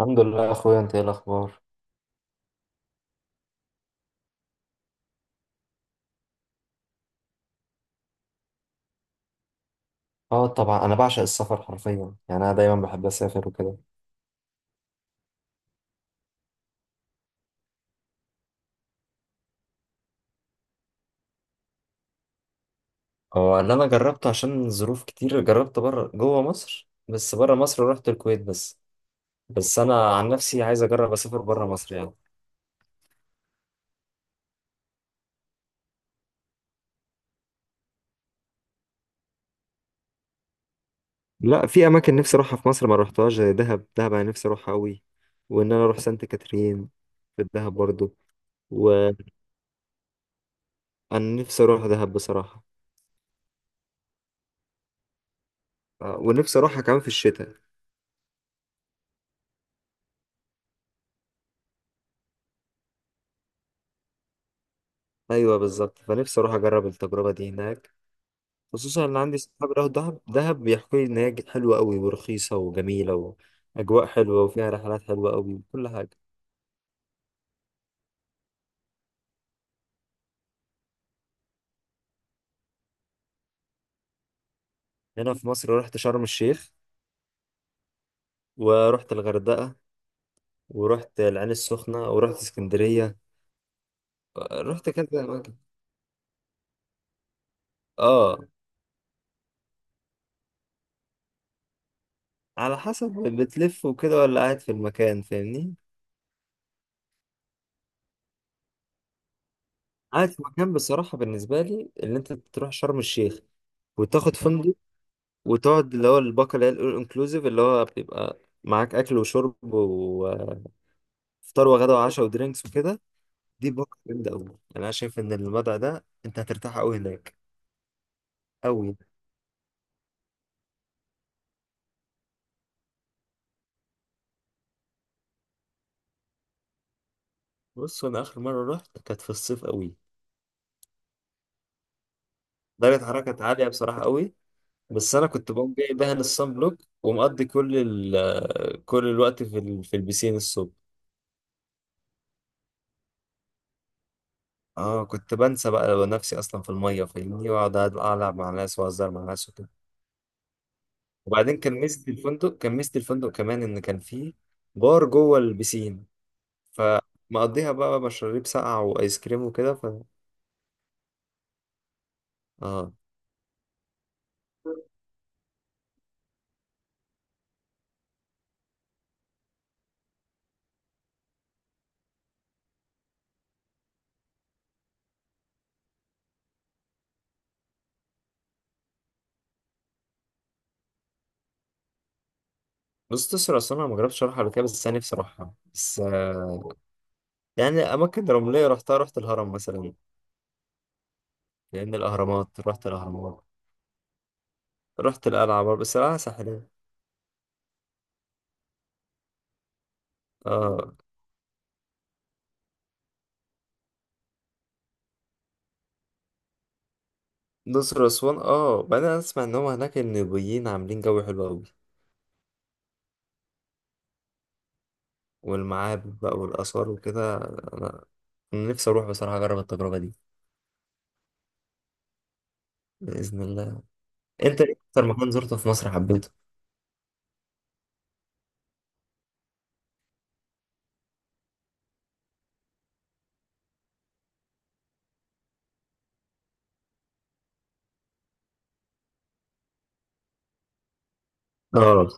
الحمد لله يا اخويا، انت ايه الاخبار؟ اه طبعا انا بعشق السفر حرفيا، يعني انا دايما بحب اسافر وكده. هو اللي انا جربته عشان ظروف كتير جربت بره جوه مصر، بس بره مصر رحت الكويت بس. بس انا عن نفسي عايز اجرب اسافر بره مصر يعني. لا، في اماكن نفسي اروحها في مصر ما روحتهاش، زي دهب. انا نفسي اروحها قوي، وان انا اروح سانت كاترين في الدهب برضو. وانا نفسي اروح دهب بصراحه. ونفسي اروحها كمان في الشتاء. ايوه بالظبط، فنفسي اروح اجرب التجربه دي هناك. خصوصا ان عندي صحاب راحوا دهب. بيحكوا لي ان هي حلوه قوي ورخيصه وجميله، واجواء حلوه وفيها رحلات حلوه قوي وكل حاجه. هنا في مصر رحت شرم الشيخ، ورحت الغردقه، ورحت العين السخنه، ورحت اسكندريه. رحت كذا اماكن. اه. على حسب، بتلف وكده ولا قاعد في المكان؟ فاهمني. قاعد في مكان، بصراحه بالنسبه لي اللي انت تروح شرم الشيخ وتاخد فندق وتقعد اللي هو الباقه اللي هي الانكلوزيف، اللي هو بيبقى معاك اكل وشرب فطار وغدا وعشاء ودرينكس وكده. دي بوك جامدة أوي يعني. أنا شايف إن المدعى ده أنت هترتاح أوي هناك. أوي. بص، أنا آخر مرة رحت كانت في الصيف أوي. درجة حرارة كانت عالية بصراحة أوي. بس أنا كنت بقوم جاي دهن الصن بلوك، ومقضي كل ال آه، كل الوقت في البسين الصبح. اه، كنت بنسى بقى نفسي اصلا في الميه، فاهمني، واقعد العب مع ناس واهزر مع ناس وكده. وبعدين كان ميزه الفندق كمان ان كان فيه بار جوه البسين، فمقضيها بقى مشاريب ساقعة وآيس كريم وكده ف. اه. بص تسرع، أصلا أنا ما جربتش أروحها قبل كده، بس أنا نفسي أروحها بس يعني أماكن رملية رحتها. رحت الهرم مثلا، لأن الأهرامات. رحت الأهرامات. رحت القلعة برضه، بس القلعة ساحلية. اه. الأقصر وأسوان، اه. بعدين أنا أسمع إن هما هناك النوبيين عاملين جو حلو أوي، والمعابد بقى والآثار وكده. أنا نفسي أروح بصراحة أجرب التجربة دي. بإذن الله. أنت إيه أكتر مكان زرته في مصر حبيته؟ اه.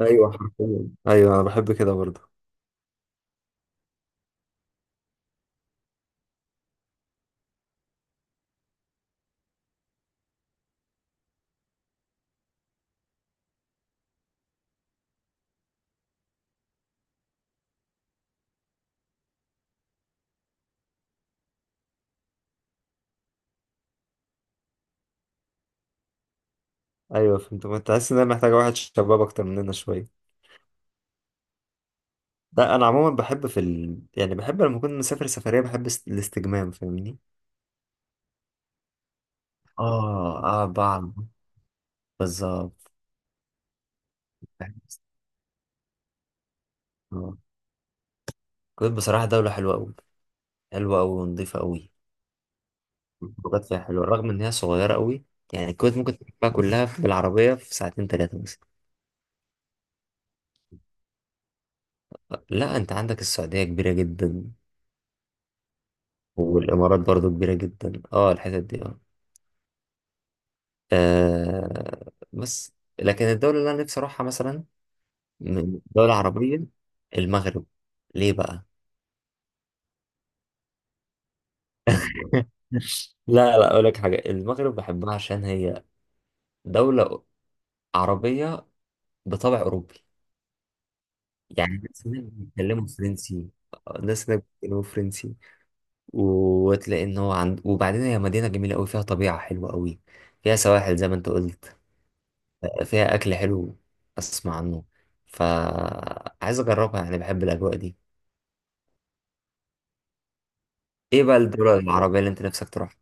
ايوه حرفيا، ايوه انا بحب كده برضه. ايوه فهمت. ما تحس ان انا محتاجه واحد شباب اكتر مننا شويه؟ لا انا عموما بحب يعني بحب لما اكون مسافر سفريه بحب الاستجمام، فاهمني. اه اه، بعمل بالظبط. آه. الكويت بصراحة دولة حلوة أوي. حلوة أوي ونضيفة أوي. الخروجات فيها حلوة رغم إن هي صغيرة أوي. يعني الكويت ممكن تلفها كلها بالعربية في ساعتين 3 مثلا. لا، أنت عندك السعودية كبيرة جدا، والإمارات برضو كبيرة جدا. اه، الحتت دي، اه. آه بس، لكن الدولة اللي أنا نفسي أروحها مثلا، من دولة عربية، المغرب. ليه بقى؟ لا لا، أقول لك حاجة، المغرب بحبها عشان هي دولة عربية بطبع أوروبي. يعني الناس هناك بيتكلموا فرنسي. الناس هناك بيتكلموا فرنسي وتلاقي إن هو عند. وبعدين هي مدينة جميلة أوي، فيها طبيعة حلوة أوي، فيها سواحل زي ما أنت قلت، فيها أكل حلو أسمع عنه، فعايز أجربها، يعني بحب الأجواء دي. ايه بقى الدولة العربية اللي انت نفسك تروح؟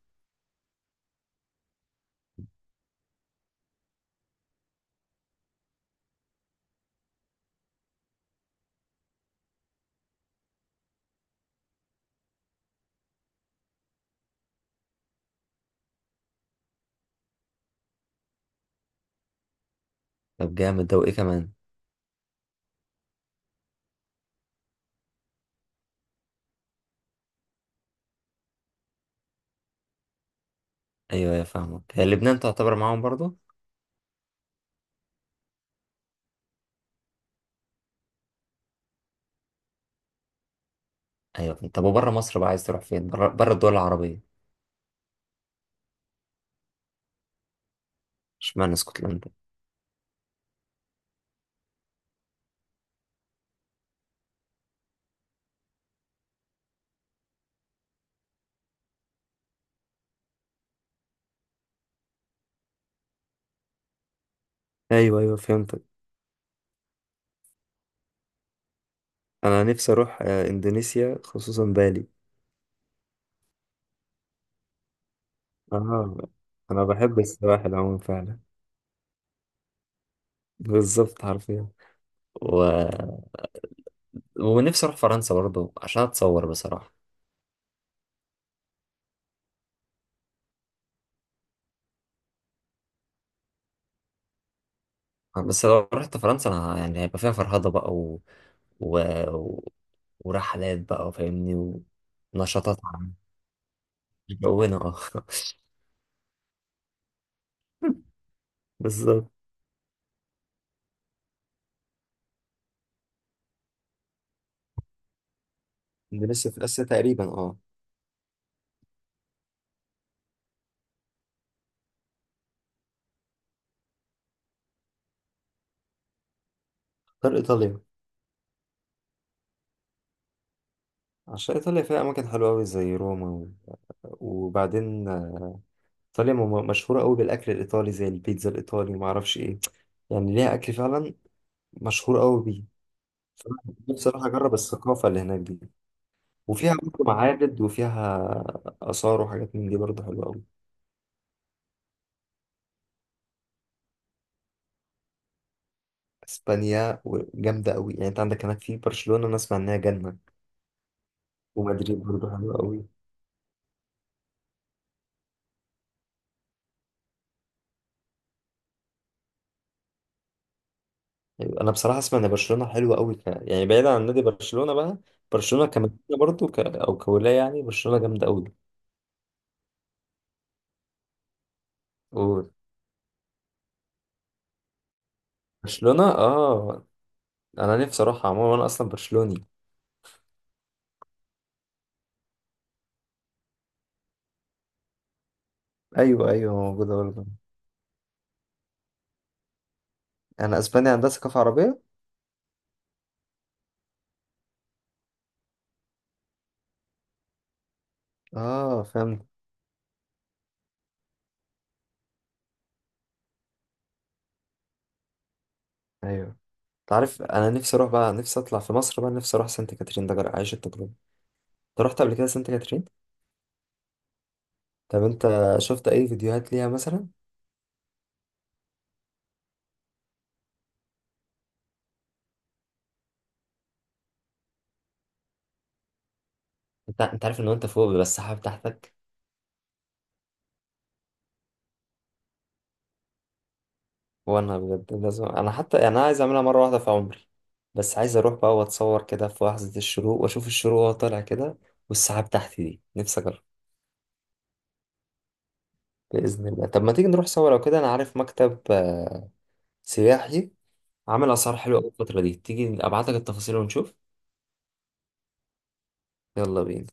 طب جامد ده، وايه كمان؟ ايوه يا فاهمك، هي لبنان تعتبر معاهم برضو. ايوه. طب وبره مصر بقى عايز تروح فين؟ بره الدول العربية. اشمعنى اسكتلندا؟ ايوه ايوه فهمتك. انا نفسي اروح اندونيسيا، خصوصا بالي. اه، انا بحب السواحل عموما فعلا. بالظبط حرفيا. و... ونفسي اروح فرنسا برضو عشان اتصور بصراحة. بس لو رحت فرنسا انا، يعني هيبقى فيها فرهضة بقى و... و... ورحلات بقى، فاهمني. ونشاطات عامة. مش جونا، اه. بالظبط. دي لسه في آسيا تقريبا، اه. غير إيطاليا. عشان إيطاليا فيها أماكن حلوة أوي زي روما وبعدين إيطاليا مشهورة أوي بالأكل الإيطالي زي البيتزا الإيطالي، ومعرفش إيه. يعني ليها أكل فعلا مشهور أوي بيه. فأنا نفسي أروح أجرب الثقافة اللي هناك دي. وفيها برضه معابد وفيها آثار وحاجات من دي برضه حلوة أوي. إسبانيا جامدة أوي يعني، أنت عندك هناك في برشلونة، أنا أسمع إنها جنة. ومدريد برضه حلوة أوي. أيوة، أنا بصراحة أسمع إن برشلونة حلوة أوي ك... يعني بعيدا عن نادي برشلونة بقى. برشلونة كمدينة برضه ك... أو كولاية، يعني برشلونة جامدة أوي. وبرشلونة آه، أنا نفسي أروحها. عموما أنا أصلا برشلوني. أيوه أيوه موجودة برضه. أنا إسبانيا عندها ثقافة عربية. آه فهمت. أيوه. تعرف انا نفسي اروح بقى، نفسي اطلع في مصر بقى، نفسي اروح سانت كاترين ده، اعيش التجربه. انت رحت قبل كده سانت كاترين؟ طب انت شفت اي فيديوهات ليها مثلا؟ انت عارف ان انت فوق بيبقى السحاب تحتك. وانا بجد لازم، انا حتى يعني انا عايز اعملها مره واحده في عمري. بس عايز اروح بقى واتصور كده في لحظه الشروق، واشوف الشروق وهو طالع كده والسحاب تحتي، دي نفسي اجرب. باذن الله. طب ما تيجي نروح سوا؟ لو كده انا عارف مكتب سياحي عامل اسعار حلوه أوي الفتره دي، تيجي ابعت لك التفاصيل ونشوف. يلا بينا.